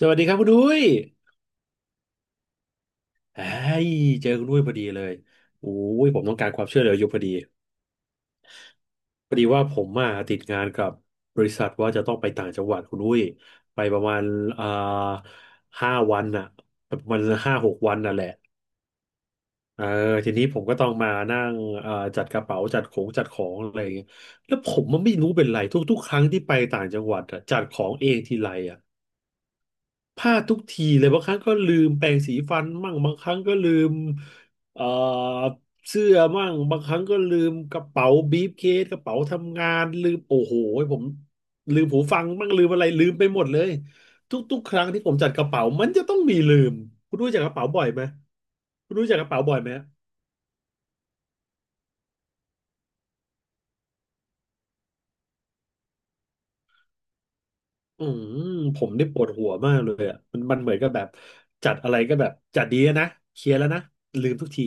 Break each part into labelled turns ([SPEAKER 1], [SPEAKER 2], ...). [SPEAKER 1] สวัสดีครับคุณดุ้ยไอ้ยเจอคุณดุ้ยพอดีเลยโอ้ยผมต้องการความช่วยเหลืออยู่พอดีพอดีว่าผมมาติดงานกับบริษัทว่าจะต้องไปต่างจังหวัดคุณดุ้ยไปประมาณอ่าห้าวันน่ะประมาณห้าหกวันน่ะแหละเออทีนี้ผมก็ต้องมานั่งเอ่าจัดกระเป๋าจัดของจัดของอะไรอย่างเงี้ยแล้วผมมันไม่รู้เป็นไรทุกๆครั้งที่ไปต่างจังหวัดอะจัดของเองทีไร พลาดทุกทีเลยบางครั้งก็ลืมแปรงสีฟันมั่งบางครั้งก็ลืมเอ่อเสื้อมั่งบางครั้งก็ลืมกระเป๋าบีฟเคสกระเป๋าทำงานลืมโอ้โหผมลืมหูฟังมั่งลืมอะไรลืมไปหมดเลยทุกๆครั้งที่ผมจัดกระเป๋ามันจะต้องมีลืมคุณรู้จักกระเป๋าบ่อยไหมคุณรู้จักกระเป๋าบ่อยไหมอืมผมได้ปวดหัวมากเลยอ่ะมันเหมือนกับแบบจัดอะไรก็แบบจัดดีอะนะเคลียร์แล้วนะลืมทุกที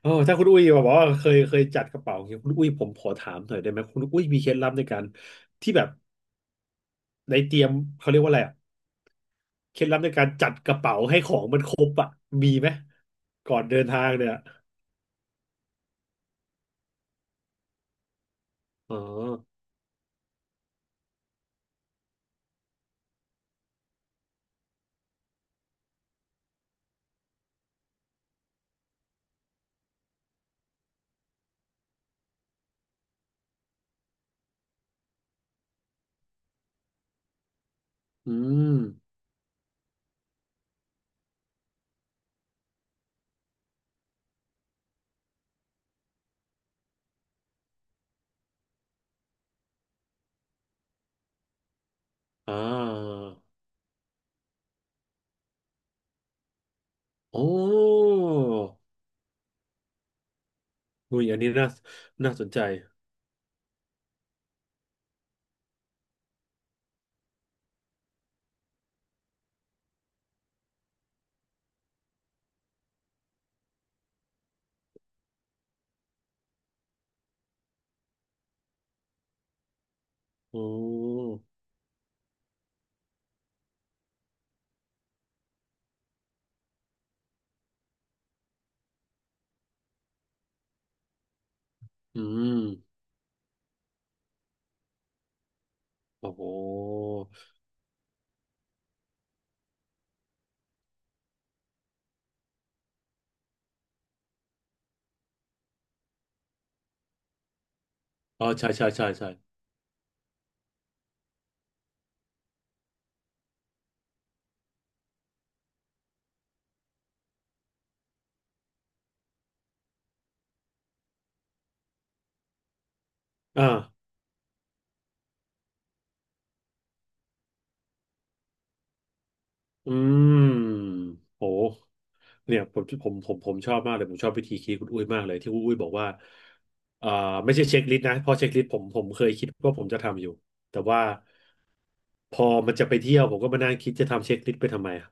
[SPEAKER 1] เออถ้าคุณอุ้ยบอกว่าเคยจัดกระเป๋าอย่างเงี้ยคุณอุ้ยผมขอถามหน่อยได้ไหมคุณอุ้ยมีเคล็ดลับในการที่แบบในเตรียมเขาเรียกว่าอะไรอะเคล็ดลับในการจัดกระเป๋าให้ของมันครบอ่ะมีไหมก่อนเดินทางเนี่ยอ๋ออืมอ่าโอ้อุ้ยอันนี้น่าน่าสนใจโอ้อืมโอ้โหอ๋อใช่ใช่ใช่ใช่อ่า อืมโหเนี่ยผมชอบมากเลยผมชอบวิธีคิดคุณอุ้ยมากเลยที่คุณอุ้ยบอกว่าอ่าไม่ใช่เช็คลิสต์นะเพราะเช็คลิสต์ผมเคยคิดว่าผมจะทำอยู่แต่ว่าพอมันจะไปเที่ยวผมก็มานั่งคิดจะทำเช็คลิสต์ไปทำไมอะ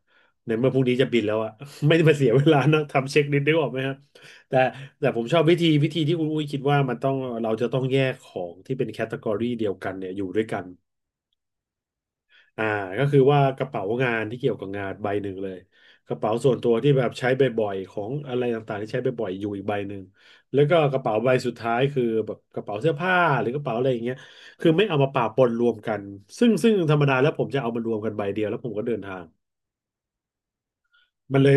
[SPEAKER 1] ในเมื่อพรุ่งนี้จะบินแล้วอะ ไม่ได้มาเสียเวลานะ ทำเช็คลิสต์ได้ออกไหมครับแต่แต่ผมชอบวิธีที่คุณอุ้ยคิดว่ามันต้องเราจะต้องแยกของที่เป็นแคตตากรีเดียวกันเนี่ยอยู่ด้วยกัน อ่าก็คือว่ากระเป๋างานที่เกี่ยวกับงานใบหนึ่งเลยกระเป๋าส่วนตัวที่แบบใช้บ่อยๆของอะไรต่างๆที่ใช้บ่อยๆอยู่อีกใบหนึ่งแล้วก็กระเป๋าใบสุดท้ายคือแบบกระเป๋าเสื้อผ้าหรือกระเป๋าอะไรอย่างเงี้ยคือไม่เอามาปะปนรวมกันซึ่งธรรมดาแล้วผมจะเอามารวมกันใบเดียวแล้วผมก็เดินทางมันเลย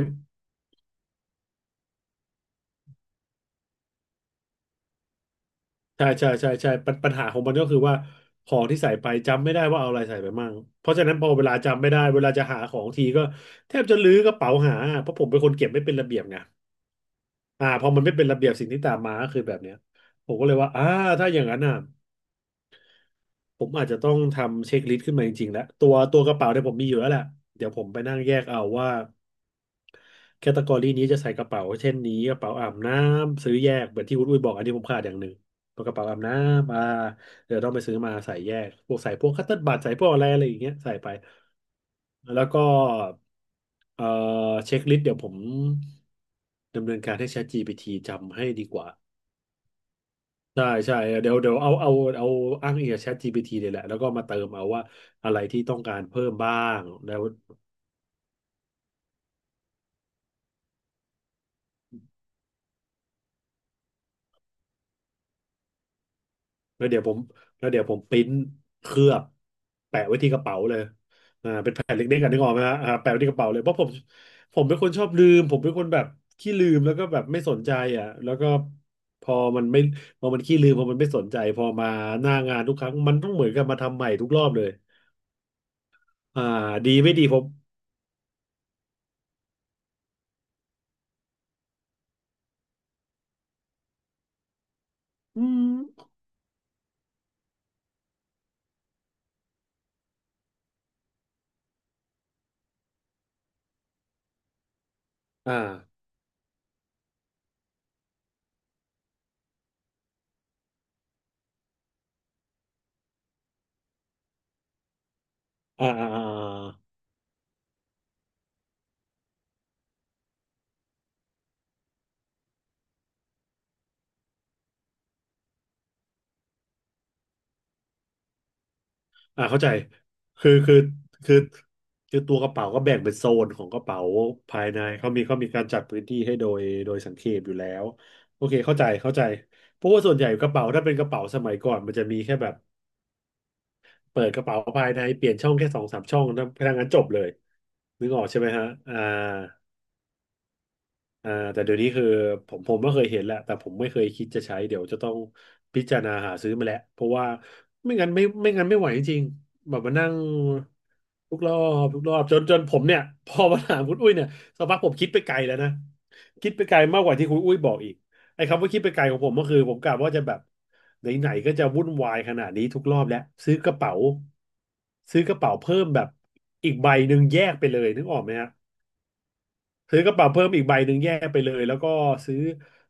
[SPEAKER 1] ใช่ใช่ใช่ใช่ปัญหาของมันก็คือว่าของที่ใส่ไปจำไม่ได้ว่าเอาอะไรใส่ไปมั่งเพราะฉะนั้นพอเวลาจำไม่ได้เวลาจะหาของทีก็แทบจะลื้อกระเป๋าหาเพราะผมเป็นคนเก็บไม่เป็นระเบียบไง อ่าพอมันไม่เป็นระเบียบสิ่งที่ตามมาก็คือแบบเนี้ยผมก็เลยว่าอ่าถ้าอย่างนั้นอ่ะผมอาจจะต้องทำเช็คลิสต์ขึ้นมาจริงๆแล้วตัวกระเป๋าเนี่ยผมมีอยู่แล้วแหละเดี๋ยวผมไปนั่งแยกเอาว่าแคตตากรีนี้จะใส่กระเป๋าเช่นนี้กระเป๋าอาบน้ำซื้อแยกเหมือนที่วุณุ้ยบอกอันนี้ผมขาดอย่างหนึ่งตัวกระเป๋าอาบน้ำอ่าเดี๋ยวต้องไปซื้อมาใส่แยกพวกใส่พวกคัตเติ้ลบัตใส่พวกอะไรอะไรอย่างเงี้ยใส่ไปแล้วก็เอ่อเช็คลิสต์เดี๋ยวผมดำเนินการให้ ChatGPT จำให้ดีกว่า ใช่ใช่เดี๋ยวเอาอ้างอิงกับ ChatGPT เลยแหละแล้วก็มาเติมเอาว่าอะไรที่ต้องการเพิ่มบ้างแล้วแล้วเดี๋ยวผมแล้วเดี๋ยวผมปริ้นเคลือบแปะไว้ที่กระเป๋าเลยอ่าเป็นแผ่นเล็กๆกันนึกออกไหมฮะอ่าแปะไว้ที่กระเป๋าเลยเพราะผมเป็นคนชอบลืมผมเป็นคนแบบขี้ลืมแล้วก็แบบไม่สนใจอ่ะแล้วก็พอมันไม่พอมันขี้ลืมพอมันไม่สนใจพอมาหน้างานทุกครั้งมันต้องเหมือนกับมาทำใหม่ทุกรอบเลยอ่าดีไม่ดีผมอืมอ่าอ่า อ่าเข้าใจคือคือคือคือตัวกระเป๋าก็แบ่งเป็นโซนของกระเป๋าภายในเขามีการจัดพื้นที่ให้โดยสังเขปอยู่แล้วโอเคเข้าใจเข้าใจเพราะว่าส่วนใหญ่กระเป๋าถ้าเป็นกระเป๋าสมัยก่อนมันจะมีแค่แบบเปิดกระเป๋าภายในเปลี่ยนช่องแค่สองสามช่องนะพนักงานจบเลยนึกออกใช่ไหมฮะอ่า แต่เดี๋ยวนี้คือผมก็เคยเห็นแหละแต่ผมไม่เคยคิดจะใช้เดี๋ยวจะต้องพิจารณาหาซื้อมาแหละเพราะว่าไม่งั้นไม่ไหวจริงๆแบบมานั่งทุกรอบทุกรอบจนผมเนี่ย พอมาถามคุณอุ้ยเนี่ยสักพักผมคิดไปไกลแล้วนะคิดไปไกลมากกว่าที่คุณอุ้ยบอกอีกไอ้คำว่าคิดไปไกลของผมก็คือผมกะว่าจะแบบไหนๆก็จะวุ่นวายขนาดนี้ทุกรอบแล้วซื้อกระเป๋าซื้อกระเป๋าเพิ่มแบบอีกใบหนึ่งแยกไปเลยนึกออกไหมฮะ ซื้อกระเป๋าเพิ่มอีกใบหนึ่งแยกไปเลยแล้วก็ซื้อ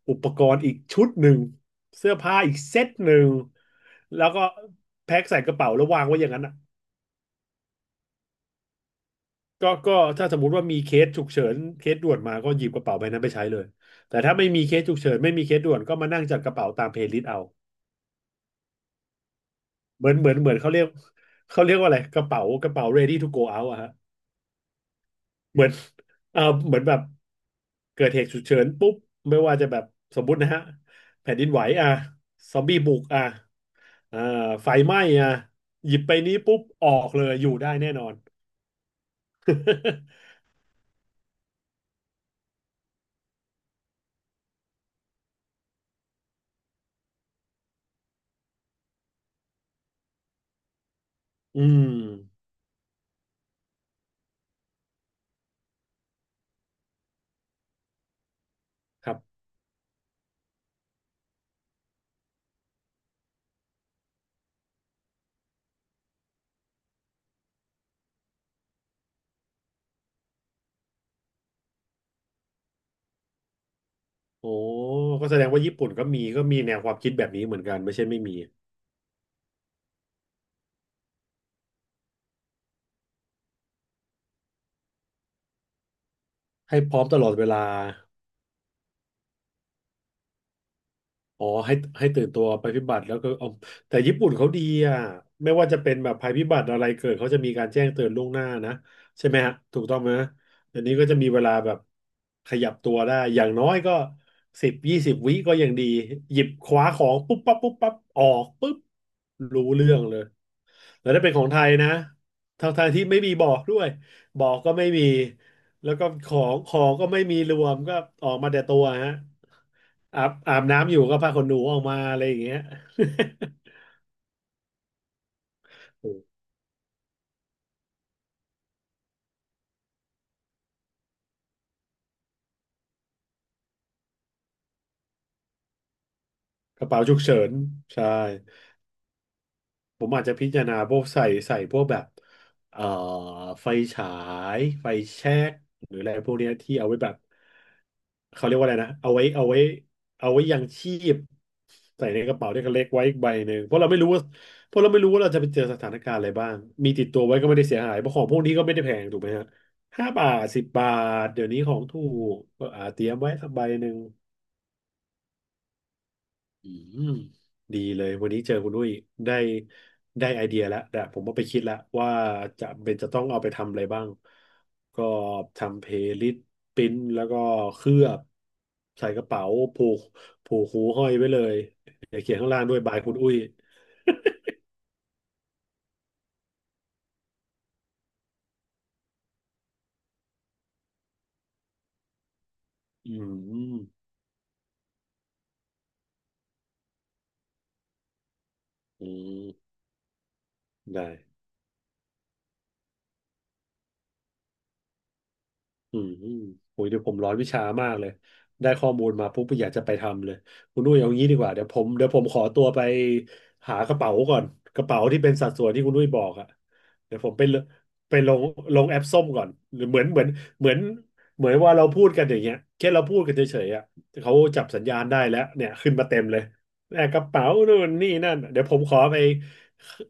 [SPEAKER 1] อุปกรณ์อีกชุดหนึ่งเสื้อผ้าอีกเซตหนึ่งแล้วก็แพ็คใส่กระเป๋าแล้ววางไว้อย่างนั้นอ่ะก็ถ้าสมมุติว่ามีเคสฉุกเฉินเคสด่วนมาก็หยิบกระเป๋าใบนั้นไปใช้เลยแต่ถ้าไม่มีเคสฉุกเฉินไม่มีเคสด่วนก็มานั่งจัดกระเป๋าตามเพลย์ลิสต์เอาเหมือนเขาเรียกเขาเรียกว่าอะไรกระเป๋ากระเป๋า ready to go out อะฮะเหมือนเออเหมือนแบบเกิดเหตุฉุกเฉินปุ๊บไม่ว่าจะแบบสมมุตินะฮะแผ่นดินไหวอ่ะซอมบี้บุกอ่ะ อ่าไฟไหม้อ่ะหยิบไปนี้ปุ๊บออกเลยอยู่ได้แน่นอน อืมครับโอ้ก็แสดงว่าญี่ปุ่นก็มีก็มีแนวความคิดแบบนี้เหมือนกันไม่ใช่ไม่มีให้พร้อมตลอดเวลา อ๋อให้ตื่นตัวภัยพิบัติแล้วก็เอาแต่ญี่ปุ่นเขาดีอ่ะไม่ว่าจะเป็นแบบภัยพิบัติอะไรเกิดเขาจะมีการแจ้งเตือนล่วงหน้านะใช่ไหมฮะถูกต้องไหมเดี๋ยวนี้ก็จะมีเวลาแบบขยับตัวได้อย่างน้อยก็10-20 วิก็ยังดีหยิบคว้าของปุ๊บปั๊บปุ๊บปั๊บออกปุ๊บรู้เรื่องเลย แล้วถ้าเป็นของไทยนะ ทางไทยที่ไม่มีบอกด้วย บอกก็ไม่มี แล้วก็ของก็ไม่มีรวมก็ออกมาแต่ตัวฮะอาบน้ำอยู่ก็ผ้าขนหนูออกมาอะไรอย่างเงี้ย กระเป๋าฉุกเฉินใช่ ผมอาจจะพิจารณาพวกใส่พวกแบบเอ่อไฟฉายไฟแช็กหรืออะไรพวกเนี้ยที่เอาไว้แบบเขาเรียกว่าอะไรนะเอาไว้ยังชีพใส่ในกระเป๋าที่เขาเล็กไว้อีกใบหนึ่งเพราะเราไม่รู้ว่าเพราะเราไม่รู้ว่าเราจะไปเจอสถานการณ์อะไรบ้างมีติดตัวไว้ก็ไม่ได้เสียหายเพราะของพวกนี้ก็ไม่ได้แพงถูกไหมฮะ5 บาท 10 บาทเดี๋ยวนี้ของถูกก็อาเตรียมไว้สักใบหนึ่ง อืมดีเลยวันนี้เจอคุณอุ้ยได้ได้ไอเดียแล้วแต่ผมก็ไปคิดแล้วว่าจะเป็นจะต้องเอาไปทำอะไรบ้างก็ทำเพลย์ลิสต์ปริ้นแล้วก็เคลือบใส่กระเป๋าผูกผูกหูห้อยไว้เลยเดี๋ยวเขียนข้างล่างด้วยบายคุณอุ้ยอืมอืมได้ อืมโอ้ยเดี๋ยวผมร้อนวิชามากเลยได้ข้อมูลมาปุ๊บอยากจะไปทำเลยคุณนุ้ยเอางี้ดีกว่าเดี๋ยวผมขอตัวไปหากระเป๋าก่อนกระเป๋าที่เป็นสัดส่วนที่คุณนุ้ยบอกอะเดี๋ยวผมไปเลไปลงลงแอปส้มก่อนหรือเหมือนเหมือนเหมือนเหมือนว่าเราพูดกันอย่างเงี้ยแค่เราพูดกันเฉยๆอะเขาจับสัญญาณได้แล้วเนี่ยขึ้นมาเต็มเลยแอบกระเป๋านู่นนี่นั่นเดี๋ยวผมขอไป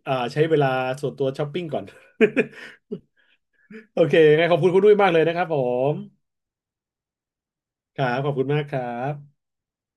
[SPEAKER 1] ใช้เวลาส่วนตัวช้อปปิ้งก่อน โอเคงั้นขอบคุณคุณนุ้ยมากเลยนะครับผม ครับขอบคุณมากครับ